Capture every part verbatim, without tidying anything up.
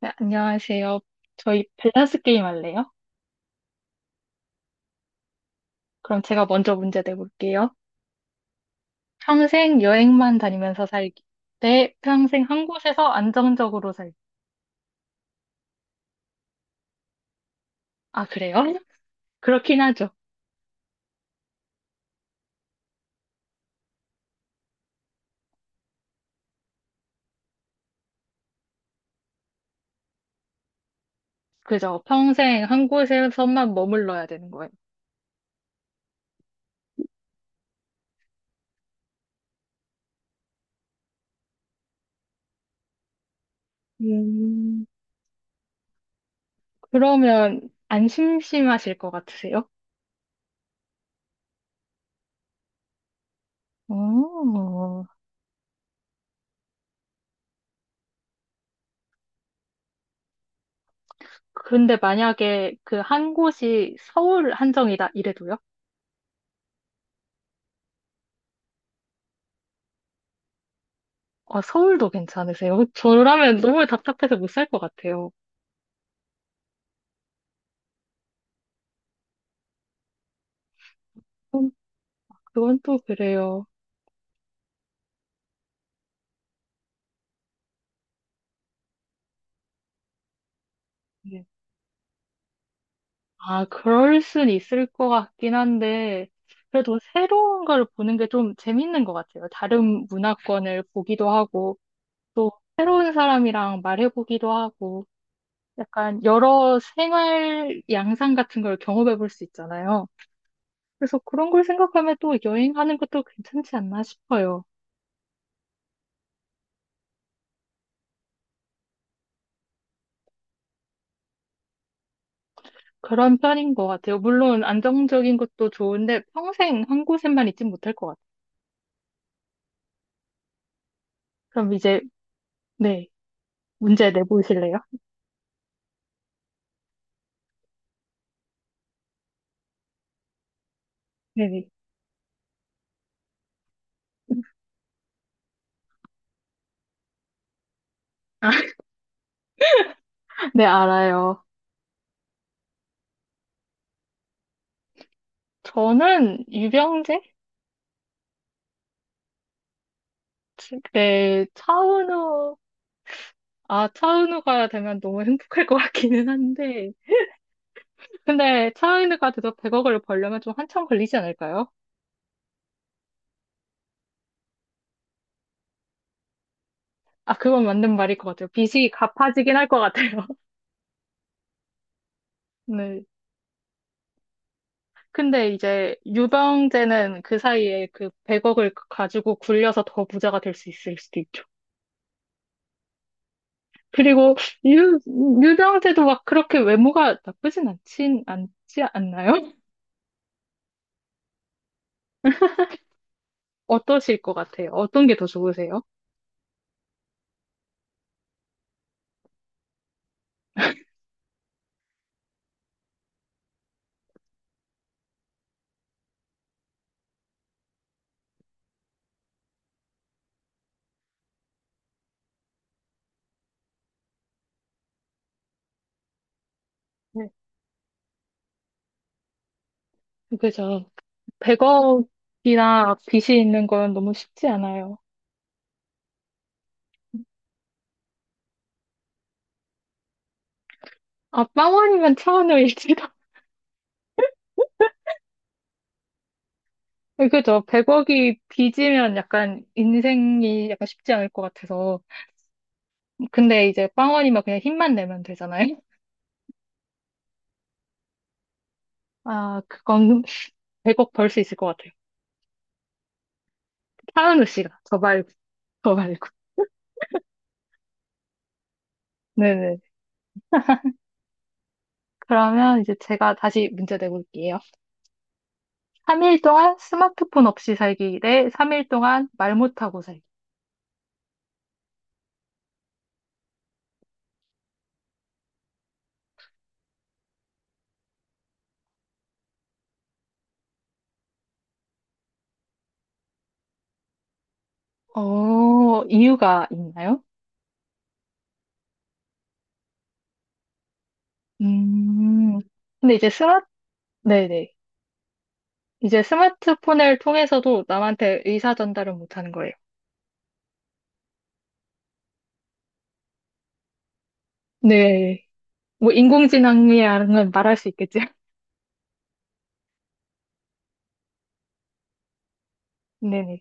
네, 안녕하세요. 저희 밸런스 게임 할래요? 그럼 제가 먼저 문제 내볼게요. 평생 여행만 다니면서 살기. 대 평생 한 곳에서 안정적으로 살기. 아, 그래요? 그렇긴 하죠. 그죠. 평생 한 곳에서만 머물러야 되는 거예요. 음, 그러면 안 심심하실 것 같으세요? 그 근데 만약에 그 한 곳이 서울 한정이다 이래도요? 어, 서울도 괜찮으세요? 저라면 너무 답답해서 못 살 것 같아요. 그건 또 그래요. 네. 아, 그럴 순 있을 것 같긴 한데, 그래도 새로운 걸 보는 게 좀 재밌는 것 같아요. 다른 문화권을 보기도 하고, 또 새로운 사람이랑 말해보기도 하고, 약간 여러 생활 양상 같은 걸 경험해 볼 수 있잖아요. 그래서 그런 걸 생각하면 또 여행하는 것도 괜찮지 않나 싶어요. 그런 편인 것 같아요. 물론 안정적인 것도 좋은데 평생 한 곳에만 있진 못할 것 같아요. 그럼 이제, 네, 문제 내보실래요? 네네. 아, 네, 알아요. 저는 유병재? 지- 네, 차은우, 아, 차은우가 되면 너무 행복할 것 같기는 한데. 근데 차은우가 돼서 백억을 벌려면 좀 한참 걸리지 않을까요? 아, 그건 맞는 말일 것 같아요. 빚이 갚아지긴 할 것 같아요. 네. 근데 이제 유병재는 그 사이에 그 백억을 가지고 굴려서 더 부자가 될 수 있을 수도 있죠. 그리고 유, 유병재도 막 그렇게 외모가 나쁘진 않진, 않지 않나요? 어떠실 것 같아요? 어떤 게 더 좋으세요? 네, 그죠. 백억이나 빚이 있는 건 너무 쉽지 않아요. 아, 빵원이면 차은우일지도. 그죠. 백억이 빚이면 약간 인생이 약간 쉽지 않을 것 같아서. 근데 이제 빵원이면 그냥 힘만 내면 되잖아요. 아, 그건 백억 벌 수 있을 것 같아요. 차은우 씨가. 저 말고, 저 말고. 네네. 그러면 이제 제가 다시 문제 내볼게요. 삼 일 동안 스마트폰 없이 살기 대 삼 일 동안 말 못하고 살기. 어, 이유가 있나요? 음, 근데 이제 스마, 네네. 이제 스마트폰을 통해서도 남한테 의사 전달은 못하는 거예요. 네. 뭐, 인공지능이라는 말할 수 있겠죠? 네네.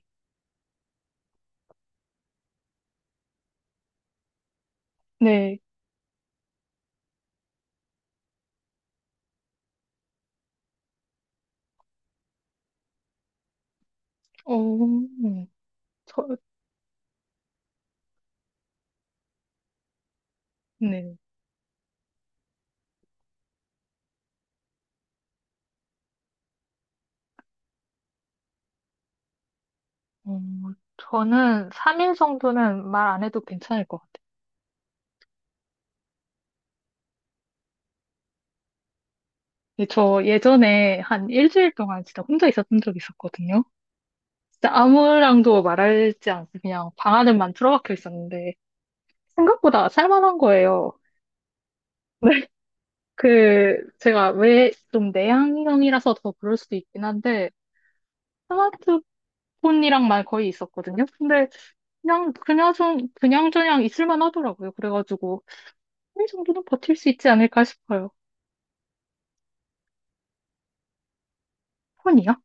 네. 어, 음, 저, 네. 어, 저는 삼 일 정도는 말 안 해도 괜찮을 것 같아요. 근데 저 예전에 한 일주일 동안 진짜 혼자 있었던 적이 있었거든요. 진짜 아무랑도 말하지 않고 그냥 방 안에만 틀어박혀 있었는데, 생각보다 살만한 거예요. 그, 제가 왜 좀 내향형이라서 더 그럴 수도 있긴 한데, 스마트폰이랑만 거의 있었거든요. 근데 그냥, 그냥 좀, 그냥저냥 있을만 하더라고요. 그래가지고, 이 정도는 버틸 수 있지 않을까 싶어요. 폰이요?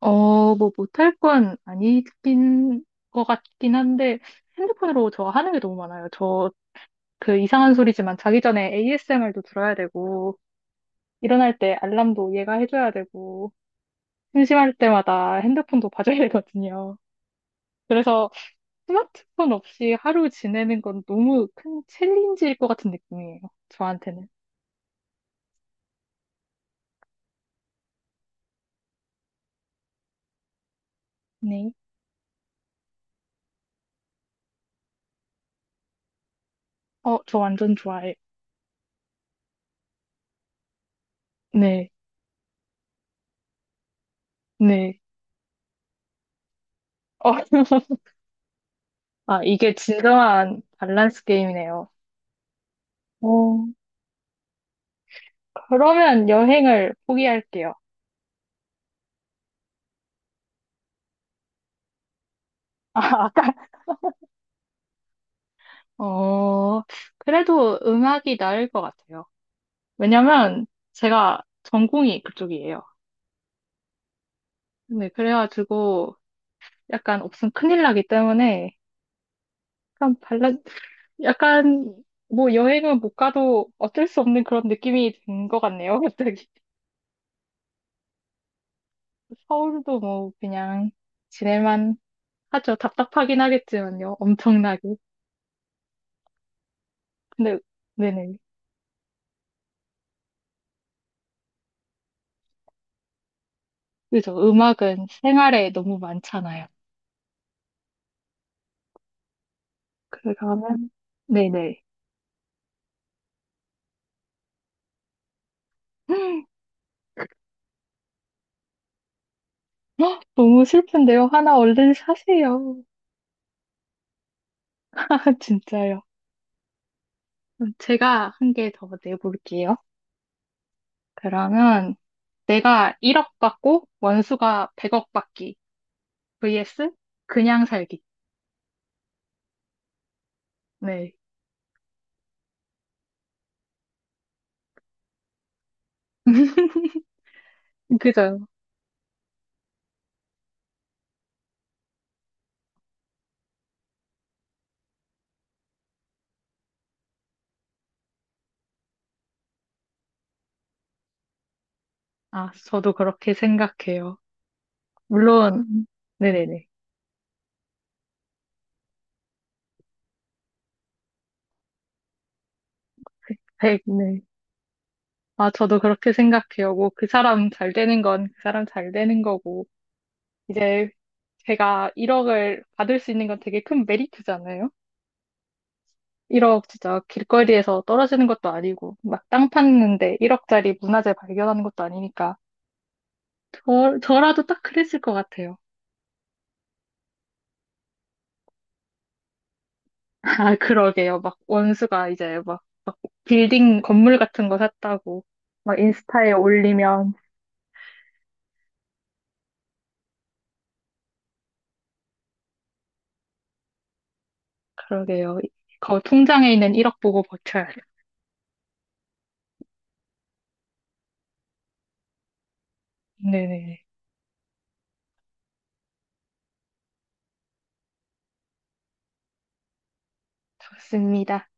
어, 뭐 못할 건 아니긴 것 같긴 한데, 핸드폰으로 저 하는 게 너무 많아요. 저 그 이상한 소리지만 자기 전에 에이에스엠알도 들어야 되고, 일어날 때 알람도 얘가 해줘야 되고, 심심할 때마다 핸드폰도 봐줘야 되거든요. 그래서 스마트폰 없이 하루 지내는 건 너무 큰 챌린지일 것 같은 느낌이에요. 저한테는. 네. 어, 저 완전 좋아해요. 네. 네. 어, 아, 이게 진정한 밸런스 게임이네요. 어, 그러면 여행을 포기할게요. 아, 아까, 어, 그래도 음악이 나을 것 같아요. 왜냐면 제가 전공이 그쪽이에요. 네, 그래가지고 약간 없으면 큰일 나기 때문에 약간 발라 약간 뭐 여행은 못 가도 어쩔 수 없는 그런 느낌이 든 것 같네요. 갑자기 서울도 뭐 그냥 지낼만 하죠. 답답하긴 하겠지만요. 엄청나게. 근데 네네. 그죠. 음악은 생활에 너무 많잖아요. 그러면 네네. 헉, 너무 슬픈데요. 하나 얼른 사세요. 진짜요. 그럼 제가 한 개 더 내볼게요. 그러면 내가 일억 받고 원수가 백억 받기 vs 그냥 살기. 네, 그죠. 아, 저도 그렇게 생각해요. 물론, 네네네. 그 백 네. 아, 저도 그렇게 생각해요. 뭐, 그 사람 잘 되는 건 그 사람 잘 되는 거고. 이제 제가 일억을 받을 수 있는 건 되게 큰 메리트잖아요. 일억 진짜 길거리에서 떨어지는 것도 아니고, 막 땅 팠는데 일억짜리 문화재 발견하는 것도 아니니까. 저, 저라도 딱 그랬을 것 같아요. 아, 그러게요. 막 원수가 이제 막, 막 빌딩 건물 같은 거 샀다고 막 인스타에 올리면 그러게요. 거 통장에 있는 일억 보고 버텨야 돼. 네네. 좋습니다.